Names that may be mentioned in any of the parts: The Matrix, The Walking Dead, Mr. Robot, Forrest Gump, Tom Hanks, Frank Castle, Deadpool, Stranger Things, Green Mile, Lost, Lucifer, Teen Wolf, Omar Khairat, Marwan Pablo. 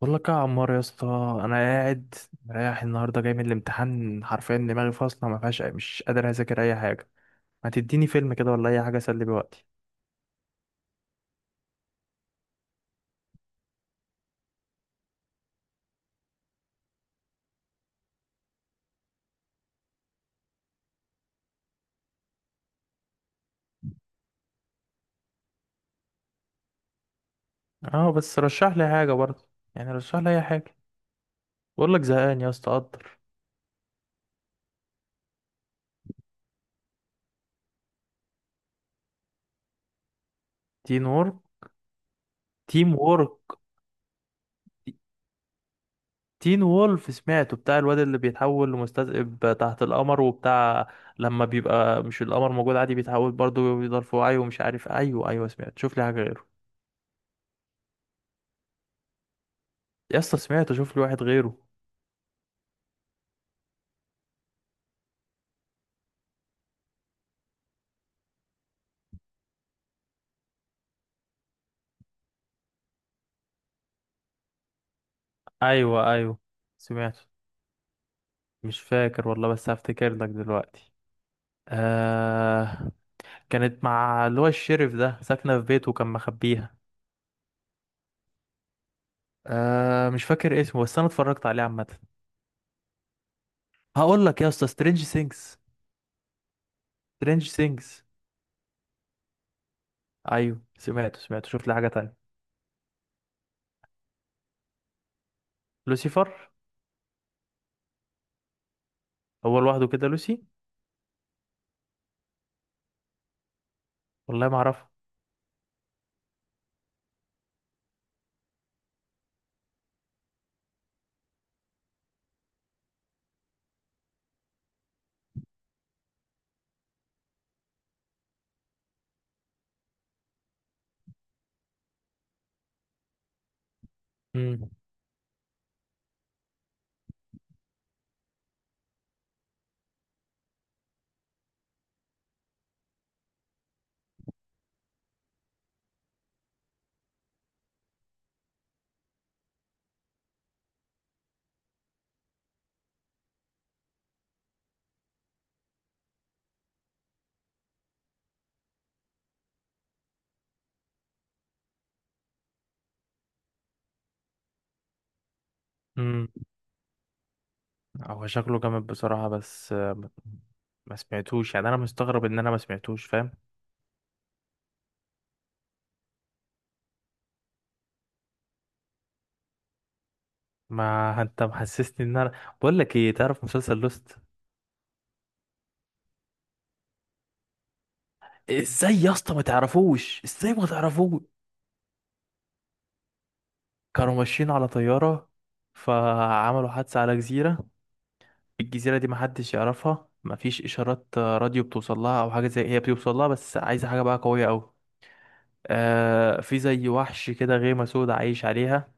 بقول لك يا عمار يا اسطى، انا قاعد رايح النهارده جاي من الامتحان، حرفيا دماغي فاصله ما فيهاش، مش قادر اذاكر اي حاجه. ما تديني فيلم كده ولا اي حاجه اسلي بيه وقتي؟ اه بس رشح لي حاجه برضه، يعني رشح لي اي حاجه. بقول لك زهقان يا اسطى قدر. تين وورك، تيم وورك، تين وولف سمعته، بتاع الواد اللي بيتحول لمستذئب تحت القمر وبتاع، لما بيبقى مش القمر موجود عادي بيتحول برضه، بيفضل في وعيه ومش عارف. ايوه ايوه سمعت، شوف لي حاجه غيره. يا اسطى سمعته، شوف لي واحد غيره. ايوه ايوه سمعت. مش فاكر والله بس هفتكر لك دلوقتي. آه، كانت مع اللي هو الشرف ده ساكنه في بيته وكان مخبيها. آه مش فاكر اسمه بس انا اتفرجت عليه عامه. هقول لك يا اسطى، سترينج سينجز. سترينج سينجز. ايوه سمعته سمعته، شوف لي حاجه تانية. لوسيفر. هو لوحده كده لوسي؟ والله ما اعرفه. امم. امم. هو شكله جامد بصراحه بس ما ما سمعتوش. يعني انا مستغرب ان انا ما سمعتوش، فاهم. ما انت محسسني ان انا. بقول لك ايه، تعرف مسلسل لوست؟ ازاي يا اسطى ما تعرفوش، ازاي ما تعرفوش. كانوا ماشيين على طيارة، فعملوا حادثة على جزيرة. الجزيرة دي محدش يعرفها، مفيش إشارات راديو بتوصل لها أو حاجة، زي هي بتوصل لها بس عايزة حاجة بقى قوية أوي. آه في زي وحش كده، غيمة سودا عايش عليها.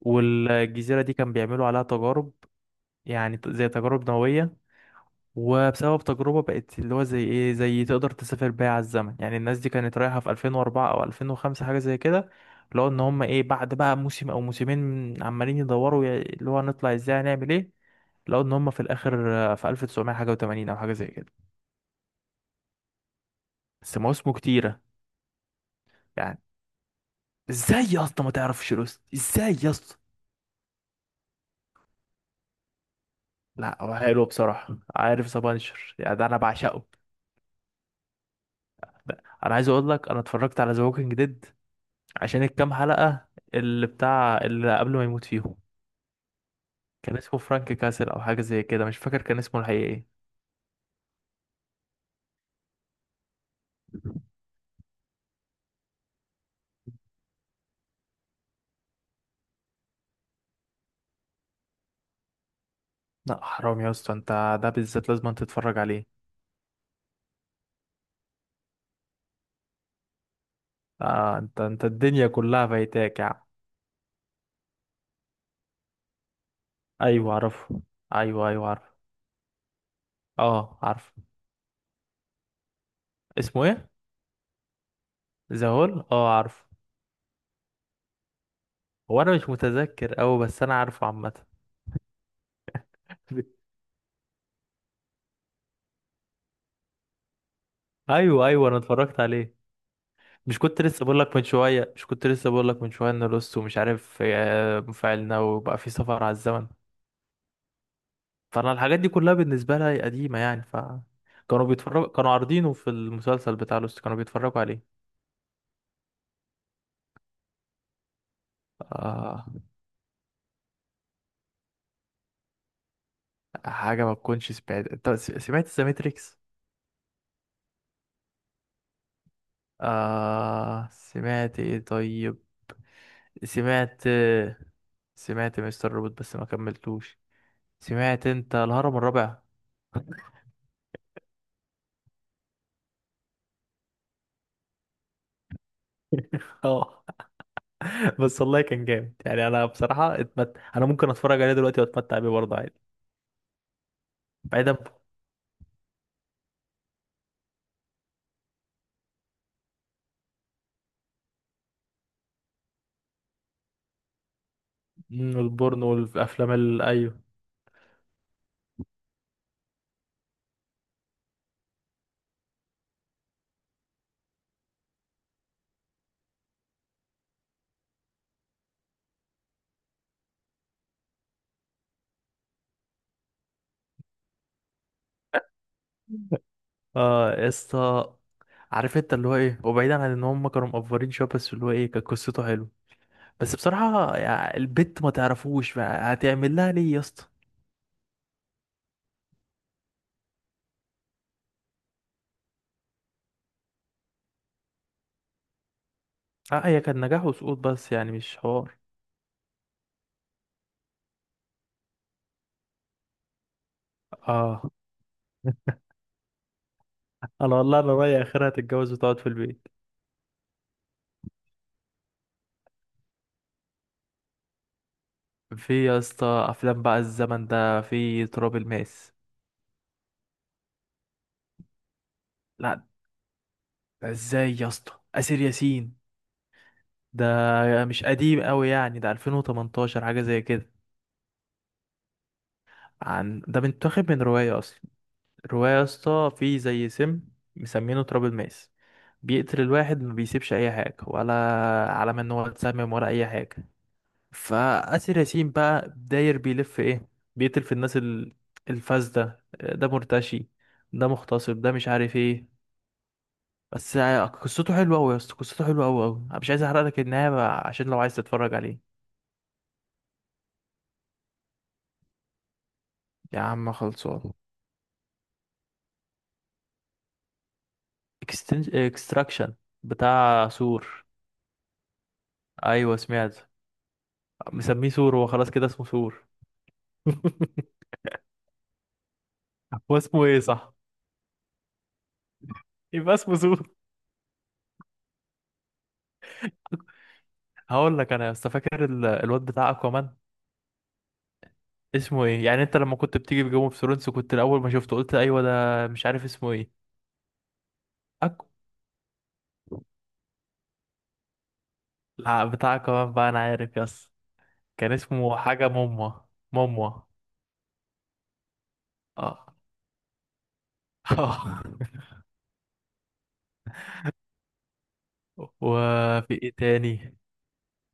والجزيرة دي كان بيعملوا عليها تجارب، يعني زي تجارب نووية. وبسبب تجربة بقت اللي هو زي ايه، زي تقدر تسافر بيها على الزمن. يعني الناس دي كانت رايحة في 2004 او 2005 حاجة زي كده، اللي هو ان هم ايه بعد بقى موسم او موسمين عمالين يدوروا يا- اللي هو هنطلع ازاي، هنعمل ايه. لو ان هم في الاخر في 1900 حاجة و80 او حاجة زي كده، بس مواسمه كتيرة يعني. ازاي يا اسطى ما تعرفش لوست؟ ازاي يا اسطى؟ لا هو حلو بصراحة، عارف سبانشر؟ يعني ده انا بعشقه. انا عايز اقول لك انا اتفرجت على ذا ووكينج ديد عشان الكام حلقة اللي بتاع اللي قبل ما يموت فيهم، كان اسمه فرانك كاسل او حاجة زي كده، مش فاكر كان اسمه الحقيقي ايه. لا حرام يا اسطى، انت ده بالذات لازم أن تتفرج عليه. آه انت انت الدنيا كلها فايتاك يا عم. ايوه عارفه. ايوه ايوه عارف. اه عارف. اسمه ايه؟ ذا هول. اه عارف. هو انا مش متذكر اوي بس انا عارفه عامة. ايوه ايوه انا اتفرجت عليه. مش كنت لسه بقول لك من شويه، مش كنت لسه بقول لك من شويه ان لوست ومش عارف مفاعلنا وبقى في سفر على الزمن. فانا الحاجات دي كلها بالنسبه لها هي قديمه يعني، ف كانوا بيتفرجوا، كانوا عارضينه في المسلسل بتاع لوست، كانوا بيتفرجوا عليه. آه... حاجه ما تكونش سمعت انت، سمعت ذا ماتريكس؟ آه... سمعت ايه طيب؟ سمعت. سمعت مستر روبوت بس ما كملتوش. سمعت انت الهرم الرابع؟ اه. بس والله كان جامد يعني، انا بصراحه اتمت... انا ممكن اتفرج عليه دلوقتي واتمتع بيه برضه عادي. بعيدا عن البورن والافلام ال... ايوه. اه يا اسطى، عارف انت اللي هو ايه، وبعيدا عن ان هم كانوا مقفرين شويه، بس اللي هو ايه كانت قصته حلوه. بس بصراحه يعني البت ما تعرفوش بقى هتعمل لها ليه يا اسطى. اه هي كان نجاح وسقوط بس، يعني مش حوار. اه. انا والله انا رايي اخرها تتجوز وتقعد في البيت. في يا اسطى افلام بقى الزمن ده، في تراب الماس. لا، ده ازاي يا اسطى، اسر ياسين. ده مش قديم قوي يعني، ده 2018 حاجه زي كده. عن ده متاخد من روايه اصلا، رواية يا اسطى. في زي سم مسمينه تراب الماس، بيقتل الواحد ما بيسيبش اي حاجة ولا علامة ان هو اتسمم ولا اي حاجة. فاسر ياسين بقى داير بيلف ايه، بيقتل في الناس ال- الفاسدة، ده مرتشي، ده مغتصب، ده مش عارف ايه. بس قصته حلوة اوي يا اسطى، قصته حلوة اوي اوي. انا مش عايز احرق لك النهاية بقى، عشان لو عايز تتفرج عليه. يا عم خلصان. اكستراكشن، بتاع سور. ايوه سمعت. مسميه سور؟ هو خلاص كده اسمه سور. هو اسمه ايه صح؟ يبقى اسمه زود. هقول لك انا يا اسطى، فاكر ال- الواد بتاع اكوامان؟ اسمه ايه يعني؟ انت لما كنت بتيجي في جيم اوف ثرونز، كنت الاول ما شفته قلت ايوه ده مش عارف اسمه ايه. أكو، لا بتاع اكوامان بقى انا عارف يا اسطى. كان اسمه حاجه موموا، موموا. اه. آه. وفي ايه تاني؟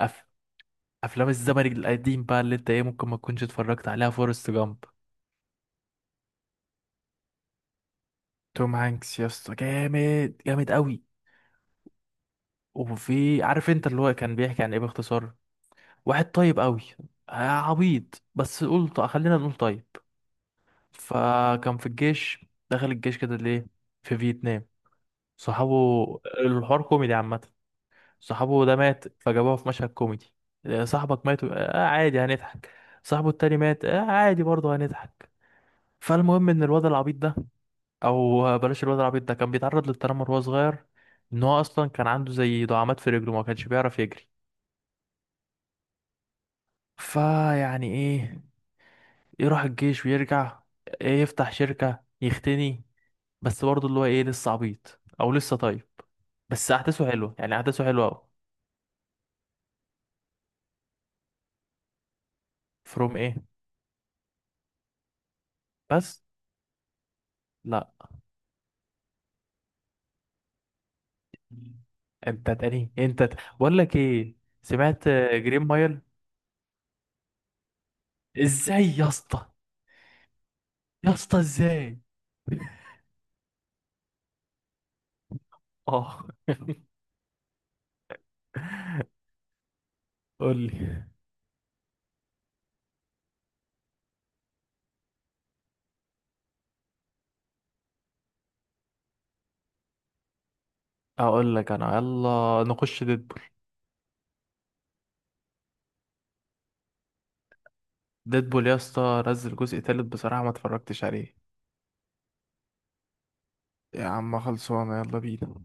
أف... افلام الزمن القديم بقى اللي انت ايه ممكن ما تكونش اتفرجت عليها، فورست جامب. توم هانكس يا اسطى، جامد جامد قوي. وفي عارف انت اللي هو كان بيحكي عن ايه باختصار، واحد طيب قوي. عبيط بس قول خلينا نقول طيب. فكان في الجيش، دخل الجيش كده ليه؟ في فيتنام. صحابه، الحوار كوميدي عامة. صاحبه ده مات، فجابوه في مشهد كوميدي. صاحبك مات آه عادي هنضحك. صاحبه التاني مات آه عادي برضه هنضحك. فالمهم ان الواد العبيط ده، او بلاش الواد العبيط ده، كان بيتعرض للتنمر وهو صغير. ان هو اصلا كان عنده زي دعامات في رجله، ما كانش بيعرف يجري. فيعني ايه، يروح الجيش ويرجع إيه، يفتح شركة يختني. بس برضه اللي هو ايه لسه عبيط او لسه طيب، بس احداثه حلوة يعني، احداثه حلوة اوي. فروم ايه بس؟ لا انت تاني، انت ت... بقول لك ايه، سمعت جرين مايل؟ ازاي يا اسطى؟ يا اسطى ازاي؟ اه قول لي. اقول لك انا، يلا نخش ديدبول. ديدبول يا اسطى نزل جزء تالت بصراحة ما اتفرجتش عليه. يا عم خلصانه يلا بينا.